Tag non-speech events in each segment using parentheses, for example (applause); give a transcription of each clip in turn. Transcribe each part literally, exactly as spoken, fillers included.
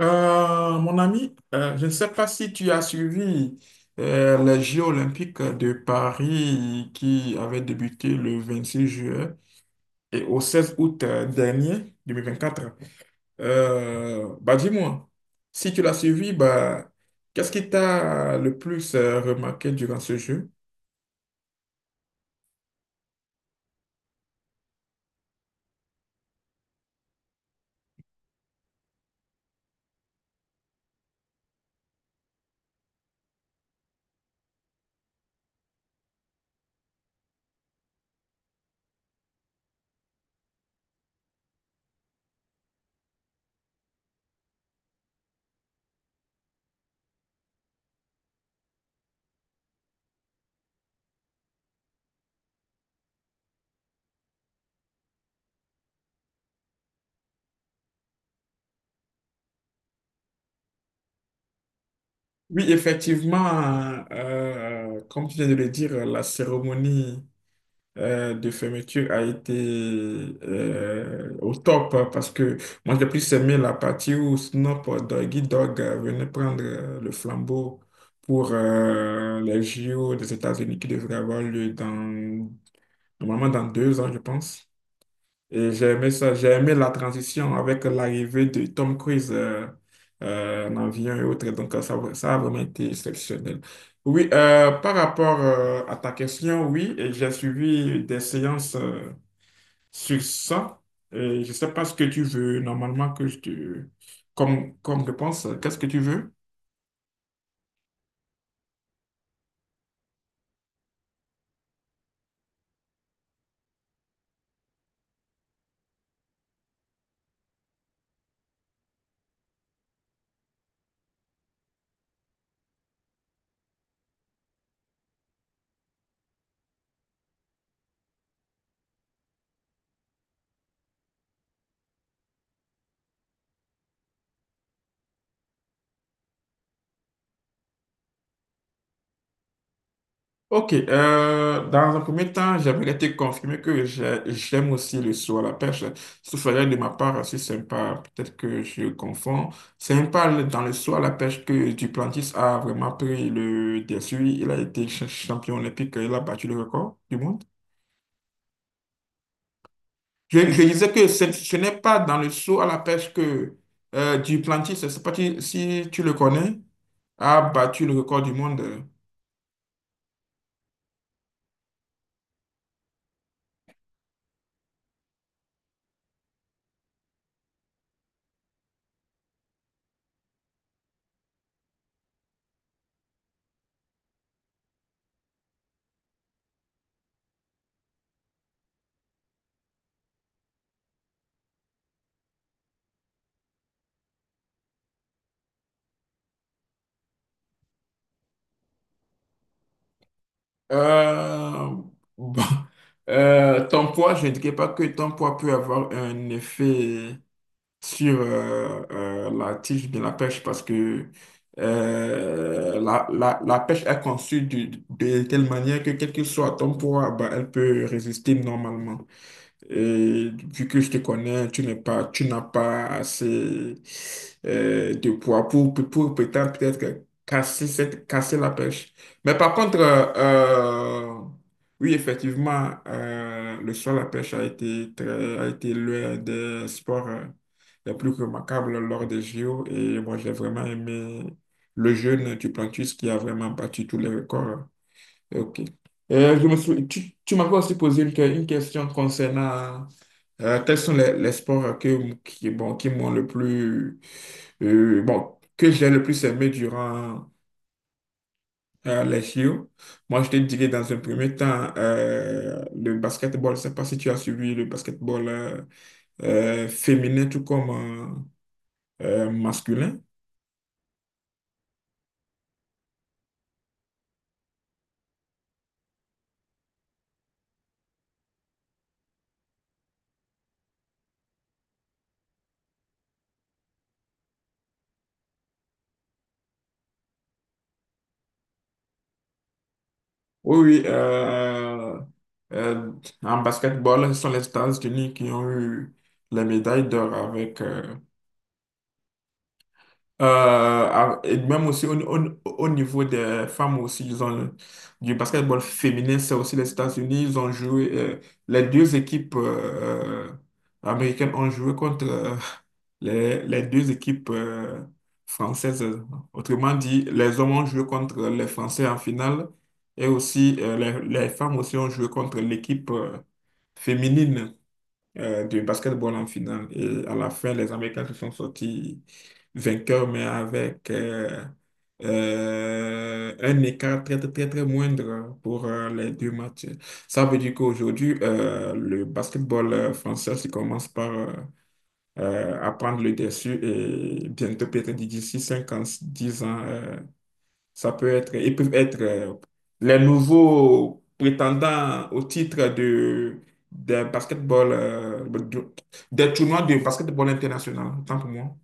Euh, mon ami, euh, je ne sais pas si tu as suivi euh, les Jeux olympiques de Paris qui avaient débuté le vingt-six juillet et au seize août euh, dernier, deux mille vingt-quatre. Euh, bah dis-moi, si tu l'as suivi, bah, qu'est-ce qui t'a le plus euh, remarqué durant ce jeu? Oui, effectivement, euh, comme tu viens de le dire, la cérémonie euh, de fermeture a été euh, au top hein, parce que moi j'ai plus aimé la partie où Snoop Doggy Dogg euh, venait prendre euh, le flambeau pour euh, les J O des États-Unis qui devraient avoir lieu dans, normalement dans deux ans, je pense. Et j'ai aimé ça, j'ai aimé la transition avec l'arrivée de Tom Cruise euh, euh, en avion et autres. Donc, euh, ça, va- ça a vraiment été exceptionnel. Oui, euh, par rapport euh, à ta question, oui, et j'ai suivi des séances euh, sur ça. Et je ne sais pas ce que tu veux normalement que je te... comme, comme réponse. Qu'est-ce que tu veux? Ok, euh, dans un premier temps, j'aimerais te confirmer que j'ai- j'aime aussi le saut à la pêche. Ce serait de ma part assez sympa. Peut-être que je confonds. C'est un pal dans le saut à la pêche que Duplantis a vraiment pris le dessus. Il a été cha- champion olympique. Il a battu le record du monde. Je, je disais que ce, ce n'est pas dans le saut à la pêche que euh, Duplantis, je ne sais pas si si tu le connais, a battu le record du monde. Euh, bon, (laughs) euh, ton poids, je ne dirais pas que ton poids peut avoir un effet sur euh, euh, la tige de la pêche parce que euh, la, la, la pêche est conçue de, de telle manière que quel que soit ton poids, bah, elle peut résister normalement. Et vu que je te connais, tu n'es pas, tu n'as pas assez euh, de poids pour, pour, pour prétendre peut-être casser cette, casser la pêche. Mais par contre, euh, euh, oui, effectivement, euh, le saut à la pêche a été très, a été l'un des sports euh, les plus remarquables lors des J O. Et moi, j'ai vraiment aimé le jeune du Plantus qui a vraiment battu tous les records. Ok. Euh, je me sou- Tu, tu m'avais aussi posé une, que- une question concernant euh, quels sont les, les sports que, qui, bon, qui m'ont le plus, euh, bon, que j'ai le plus aimé durant euh, les J O. Moi, je te dirais dans un premier temps euh, le basketball. Je ne sais pas si tu as suivi le basketball euh, euh, féminin tout comme euh, euh, masculin. Oui, oui. euh, euh, En basketball, ce sont les États-Unis qui ont eu les médailles d'or avec euh, euh, ah, et même aussi au, au- au niveau des femmes aussi, ils ont le- du basketball féminin, c'est aussi les États-Unis, ils ont joué, euh, les deux équipes euh, américaines ont joué contre euh, les, les deux équipes euh, françaises. Autrement dit, les hommes ont joué contre les Français en finale et aussi euh, les, les femmes aussi ont joué contre l'équipe euh, féminine euh, de basketball en finale. Et à la fin, les Américains se sont sortis vainqueurs, mais avec euh, euh, un écart très, très, très, très moindre pour euh, les deux matchs. Ça veut dire qu'aujourd'hui, euh, le basketball euh, français se commence par euh, euh, à prendre le dessus et bientôt, peut-être d'ici cinq ans, dix ans. Euh, ça peut être, ils peuvent être euh, les nouveaux prétendants au titre de, de basketball, euh, de- des tournois de basketball international, autant pour moi.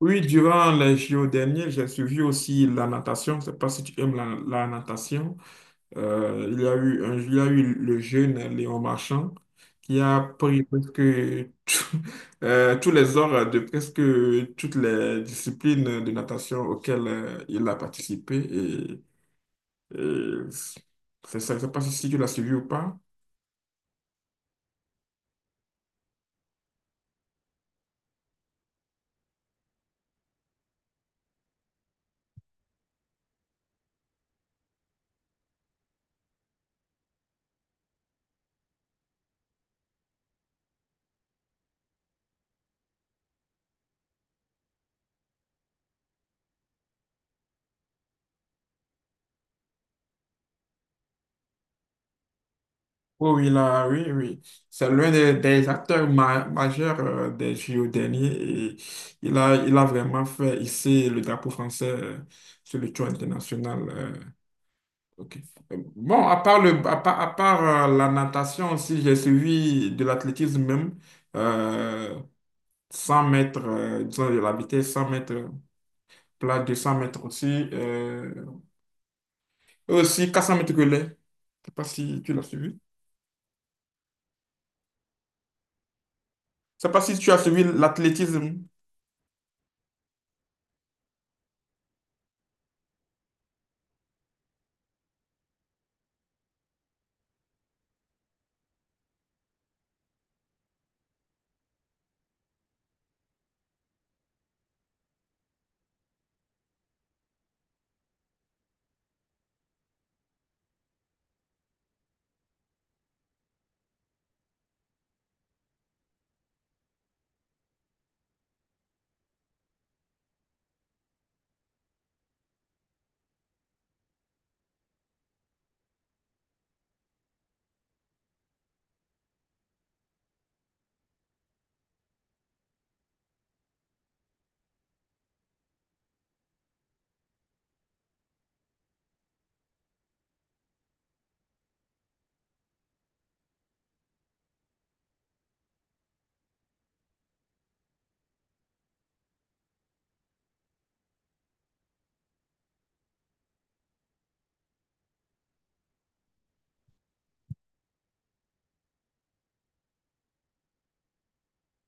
Oui, durant les J O derniers, j'ai suivi aussi la natation. Je ne sais pas si tu aimes la, la natation. Euh, il y a eu un, il y a eu le jeune Léon Marchand qui a pris presque tout- (laughs) euh, tous les ors de presque toutes les disciplines de natation auxquelles euh, il a participé. Et Euh, c'est ça, je ne sais pas si si tu l'as suivi ou pas. Oui, oui, là, oui, oui. C'est l'un des, des acteurs ma- majeurs euh, des J O derniers et il a, il a vraiment fait ici le drapeau français euh, sur le tour international. euh, Ok. Euh, Bon, à part le, à part, à part, euh, la natation aussi, j'ai suivi de l'athlétisme même, euh, cent mètres, euh, disons de la vitesse, cent mètres plat, deux cents mètres aussi, euh, et aussi quatre cents mètres relais. Je sais pas si tu l'as suivi. Je sais pas si tu as suivi l'athlétisme.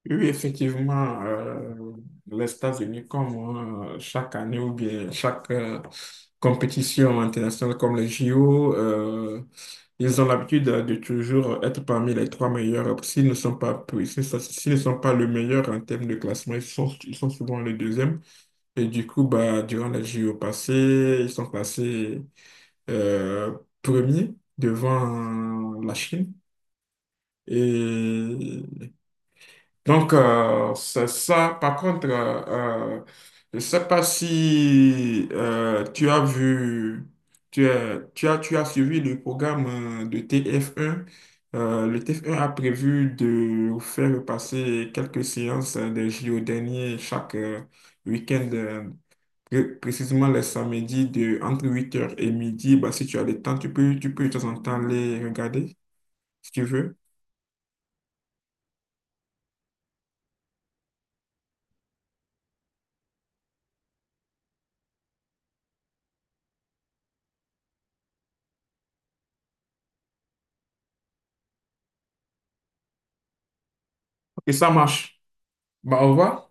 Oui, oui, effectivement, euh, les États-Unis, comme euh, chaque année ou bien chaque euh, compétition internationale comme les J O, euh, ils ont l'habitude de, de toujours être parmi les trois meilleurs. S'ils ne sont pas, s'ils sont- s'ils ne sont pas le meilleur en termes de classement, ils sont, ils sont souvent le deuxième. Et du coup, bah, durant les J O passés, ils sont classés euh, premiers devant la Chine. Et donc, euh, c'est ça. Par contre, euh, euh, je ne sais pas si euh, tu as vu, tu as, tu as, tu as suivi le programme euh, de t f un. Euh, le t f un a prévu de faire passer quelques séances euh, des J O derniers chaque euh, week-end, euh, pré- précisément les samedis de, entre huit heures et midi. Bah, si tu as le temps, tu peux, tu peux de temps en temps les regarder si tu veux. Et ça marche. Bah, au revoir.